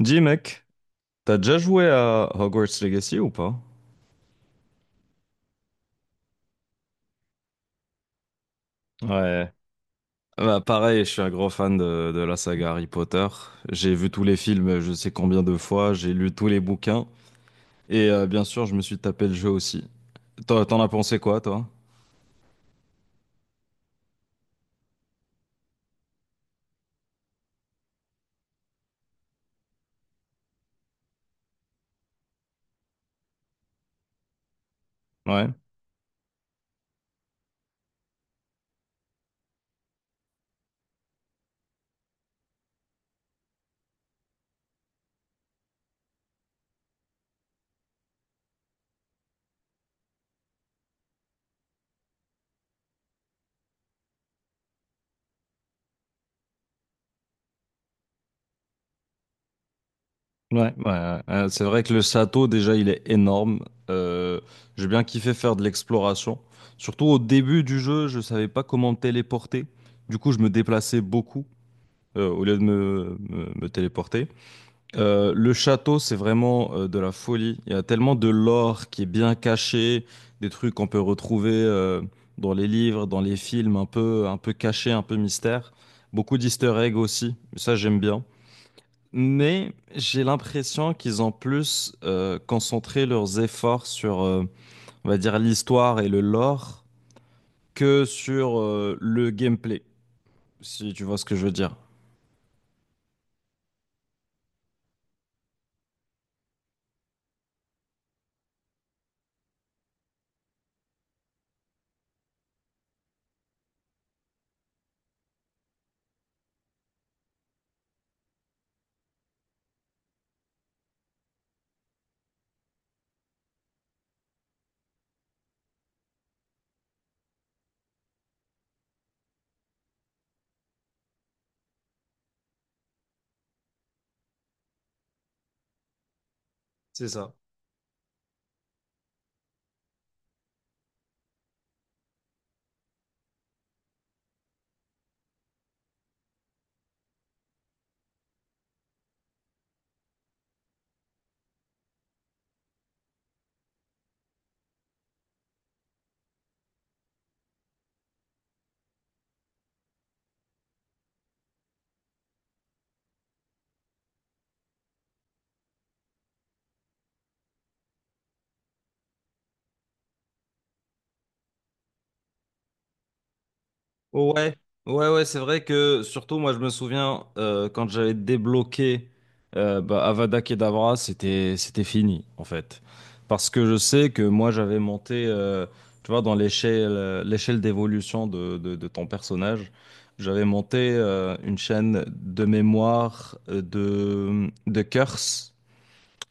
Dis mec, t'as déjà joué à Hogwarts Legacy ou pas? Ouais. Bah pareil, je suis un gros fan de la saga Harry Potter. J'ai vu tous les films, je sais combien de fois, j'ai lu tous les bouquins. Et bien sûr, je me suis tapé le jeu aussi. Toi, t'en as pensé quoi, toi? Ouais, ouais, ouais, ouais. C'est vrai que le château, déjà, il est énorme. Euh, j'ai bien kiffé faire de l'exploration. Surtout au début du jeu, je savais pas comment me téléporter. Du coup, je me déplaçais beaucoup au lieu de me téléporter. Le château, c'est vraiment de la folie. Il y a tellement de lore qui est bien caché, des trucs qu'on peut retrouver dans les livres, dans les films, un peu cachés, un peu mystère. Beaucoup d'easter eggs aussi, ça j'aime bien. Mais j'ai l'impression qu'ils ont plus concentré leurs efforts sur, on va dire, l'histoire et le lore que sur le gameplay, si tu vois ce que je veux dire. C'est ça. Ouais, ouais, ouais, c'est vrai que surtout moi je me souviens quand j'avais débloqué Avada Kedavra, c'était fini en fait. Parce que je sais que moi j'avais monté, tu vois, dans l'échelle l'échelle d'évolution de ton personnage, j'avais monté une chaîne de mémoire de curse.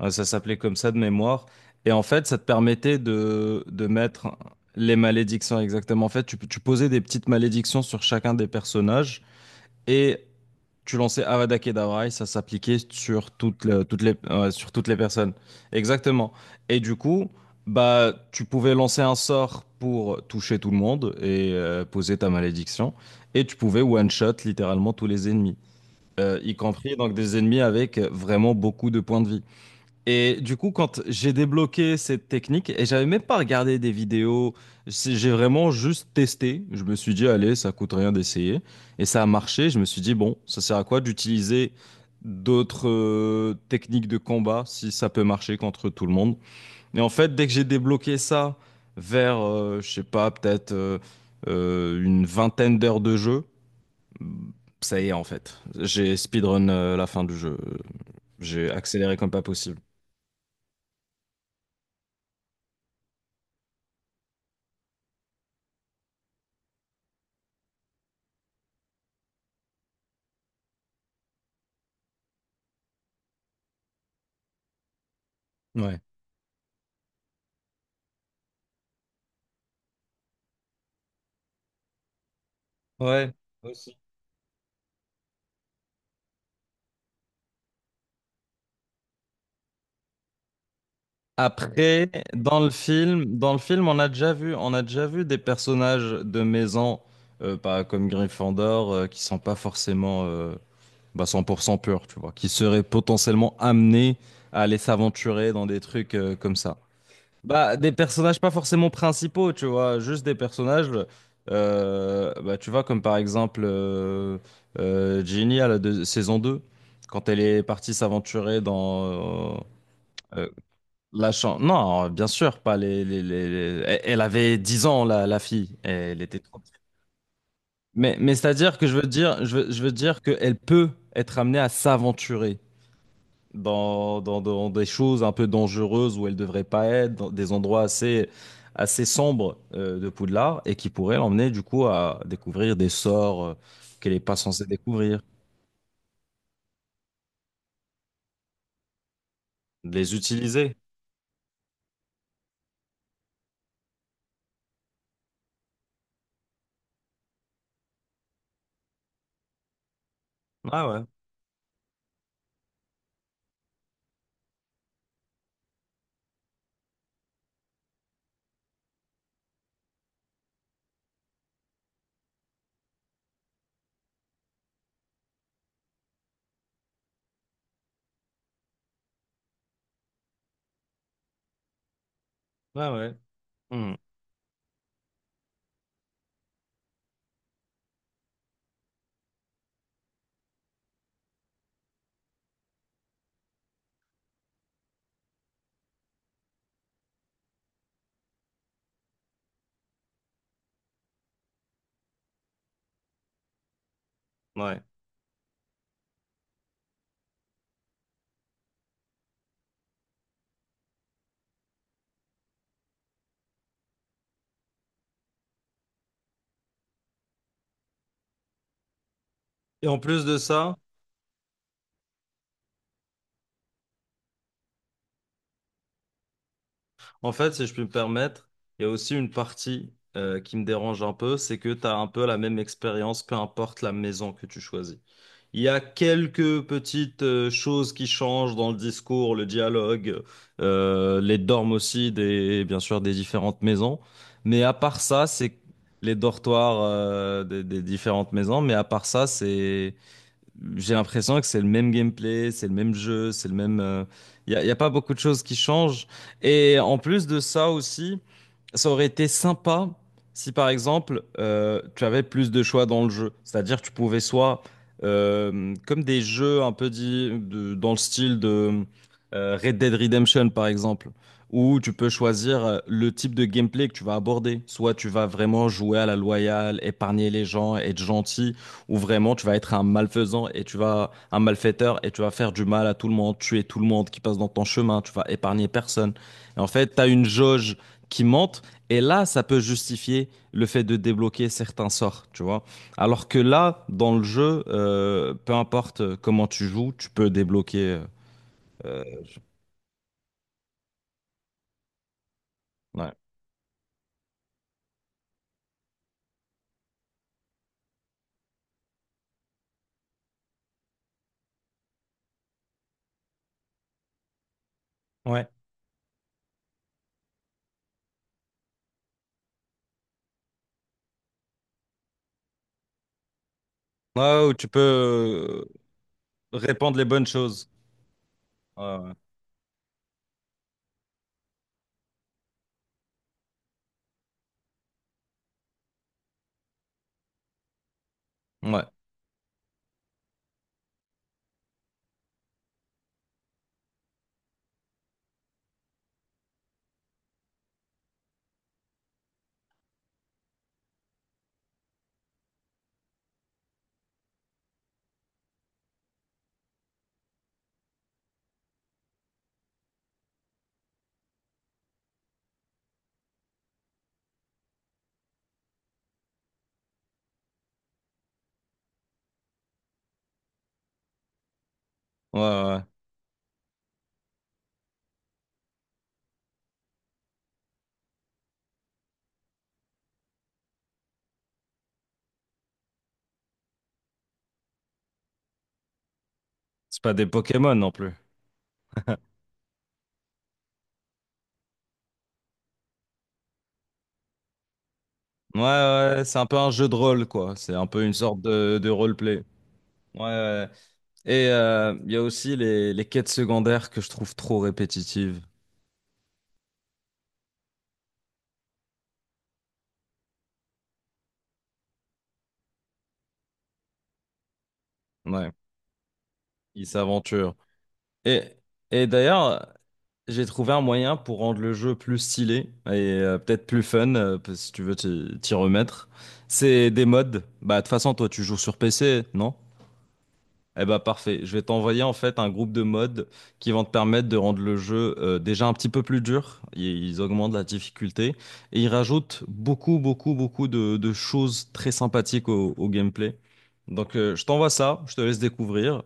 Ça s'appelait comme ça de mémoire. Et en fait, ça te permettait de mettre les malédictions exactement. En fait, tu posais des petites malédictions sur chacun des personnages et tu lançais Avada Kedavra et ça s'appliquait sur toutes, toutes les, ouais, sur toutes les personnes. Exactement. Et du coup, bah, tu pouvais lancer un sort pour toucher tout le monde et poser ta malédiction. Et tu pouvais one-shot littéralement tous les ennemis, y compris donc des ennemis avec vraiment beaucoup de points de vie. Et du coup, quand j'ai débloqué cette technique, et j'avais même pas regardé des vidéos, j'ai vraiment juste testé. Je me suis dit, allez, ça coûte rien d'essayer. Et ça a marché. Je me suis dit, bon, ça sert à quoi d'utiliser d'autres techniques de combat si ça peut marcher contre tout le monde. Et en fait, dès que j'ai débloqué ça vers, je sais pas, peut-être une vingtaine d'heures de jeu, ça y est, en fait. J'ai speedrun la fin du jeu. J'ai accéléré comme pas possible. Ouais. Ouais. Après, dans le film, on a déjà vu, on a déjà vu des personnages de maison, pas comme Gryffondor, qui sont pas forcément bah, 100% purs, tu vois, qui seraient potentiellement amenés à aller s'aventurer dans des trucs comme ça. Bah, des personnages pas forcément principaux, tu vois, juste des personnages, tu vois, comme par exemple Ginny à la saison 2, quand elle est partie s'aventurer dans... euh, Non, bien sûr, pas les, les, Elle avait 10 ans, la fille. Elle était trop petite. Mais c'est-à-dire que je veux dire, je veux dire qu'elle peut être amenée à s'aventurer dans des choses un peu dangereuses où elle devrait pas être, dans des endroits assez, assez sombres de Poudlard, et qui pourraient l'emmener du coup à découvrir des sorts qu'elle n'est pas censée découvrir, les utiliser. Ah ouais, ouais, ouais. Hmm, ouais. Et en plus de ça. En fait, si je puis me permettre, il y a aussi une partie qui me dérange un peu, c'est que tu as un peu la même expérience, peu importe la maison que tu choisis. Il y a quelques petites choses qui changent dans le discours, le dialogue, les dormes aussi, des, bien sûr, des différentes maisons. Mais à part ça, c'est les dortoirs des différentes maisons, mais à part ça, c'est j'ai l'impression que c'est le même gameplay, c'est le même jeu, c'est le même. Y a pas beaucoup de choses qui changent. Et en plus de ça aussi, ça aurait été sympa si par exemple tu avais plus de choix dans le jeu. C'est-à-dire que tu pouvais soit, comme des jeux un peu dit, dans le style de Red Dead Redemption par exemple, où tu peux choisir le type de gameplay que tu vas aborder. Soit tu vas vraiment jouer à la loyale, épargner les gens, être gentil où vraiment tu vas être un malfaisant et tu vas un malfaiteur et tu vas faire du mal à tout le monde, tuer tout le monde qui passe dans ton chemin, tu vas épargner personne. Et en fait, tu as une jauge qui monte et là, ça peut justifier le fait de débloquer certains sorts, tu vois. Alors que là, dans le jeu, peu importe comment tu joues, tu peux débloquer. euh, ouais. Ouais. Ouais, ou tu peux répandre les bonnes choses. Ouais, ouais, ouais, ouais, ouais. C'est pas des Pokémon non plus. Ouais, ouais, c'est un peu un jeu de rôle, quoi. C'est un peu une sorte de roleplay. Ouais, ouais, ouais. Et il y a aussi les quêtes secondaires que je trouve trop répétitives. Ouais, ils s'aventurent. Et, et d'ailleurs, j'ai trouvé un moyen pour rendre le jeu plus stylé et peut-être plus fun, parce que si tu veux t'y remettre. C'est des mods. Bah, de toute façon, toi, tu joues sur PC, non? Eh bah parfait, je vais t'envoyer en fait un groupe de mods qui vont te permettre de rendre le jeu déjà un petit peu plus dur. Ils augmentent la difficulté et ils rajoutent beaucoup, beaucoup, beaucoup de choses très sympathiques au gameplay. Donc je t'envoie ça, je te laisse découvrir.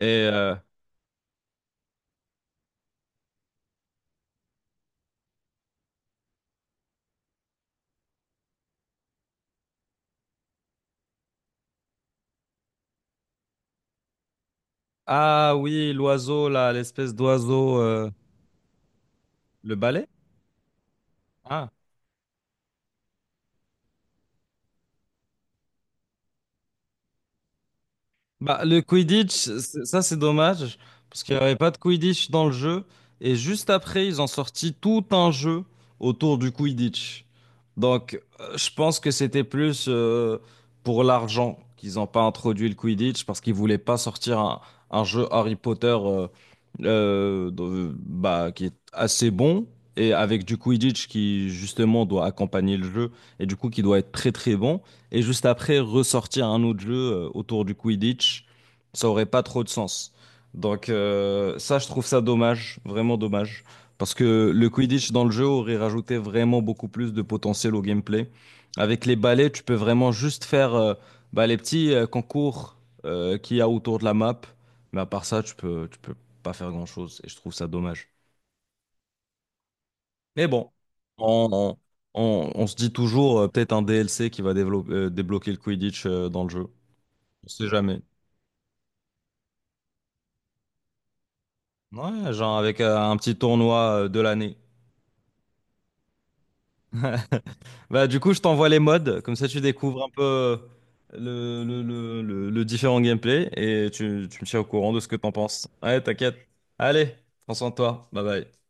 Et euh, ah oui, l'oiseau là, l'espèce d'oiseau, le balai? Ah. Bah, le Quidditch, ça c'est dommage, parce qu'il n'y avait pas de Quidditch dans le jeu, et juste après, ils ont sorti tout un jeu autour du Quidditch. Donc, je pense que c'était plus pour l'argent qu'ils n'ont pas introduit le Quidditch, parce qu'ils voulaient pas sortir un jeu Harry Potter bah, qui est assez bon, et avec du Quidditch qui justement doit accompagner le jeu, et du coup qui doit être très très bon et juste après ressortir un autre jeu autour du Quidditch, ça aurait pas trop de sens. Donc ça, je trouve ça dommage, vraiment dommage, parce que le Quidditch dans le jeu aurait rajouté vraiment beaucoup plus de potentiel au gameplay. Avec les balais, tu peux vraiment juste faire bah, les petits concours qu'il y a autour de la map, mais à part ça, tu peux pas faire grand-chose, et je trouve ça dommage. Mais bon, on, on, on se dit toujours peut-être un DLC qui va dévelop débloquer le Quidditch dans le jeu. On sait jamais. Ouais, genre avec un petit tournoi de l'année. Bah, du coup, je t'envoie les modes, comme ça tu découvres un peu le différent gameplay et tu me tiens au courant de ce que t'en penses. Ouais, t'inquiète. Allez, prends soin de toi. Bye bye.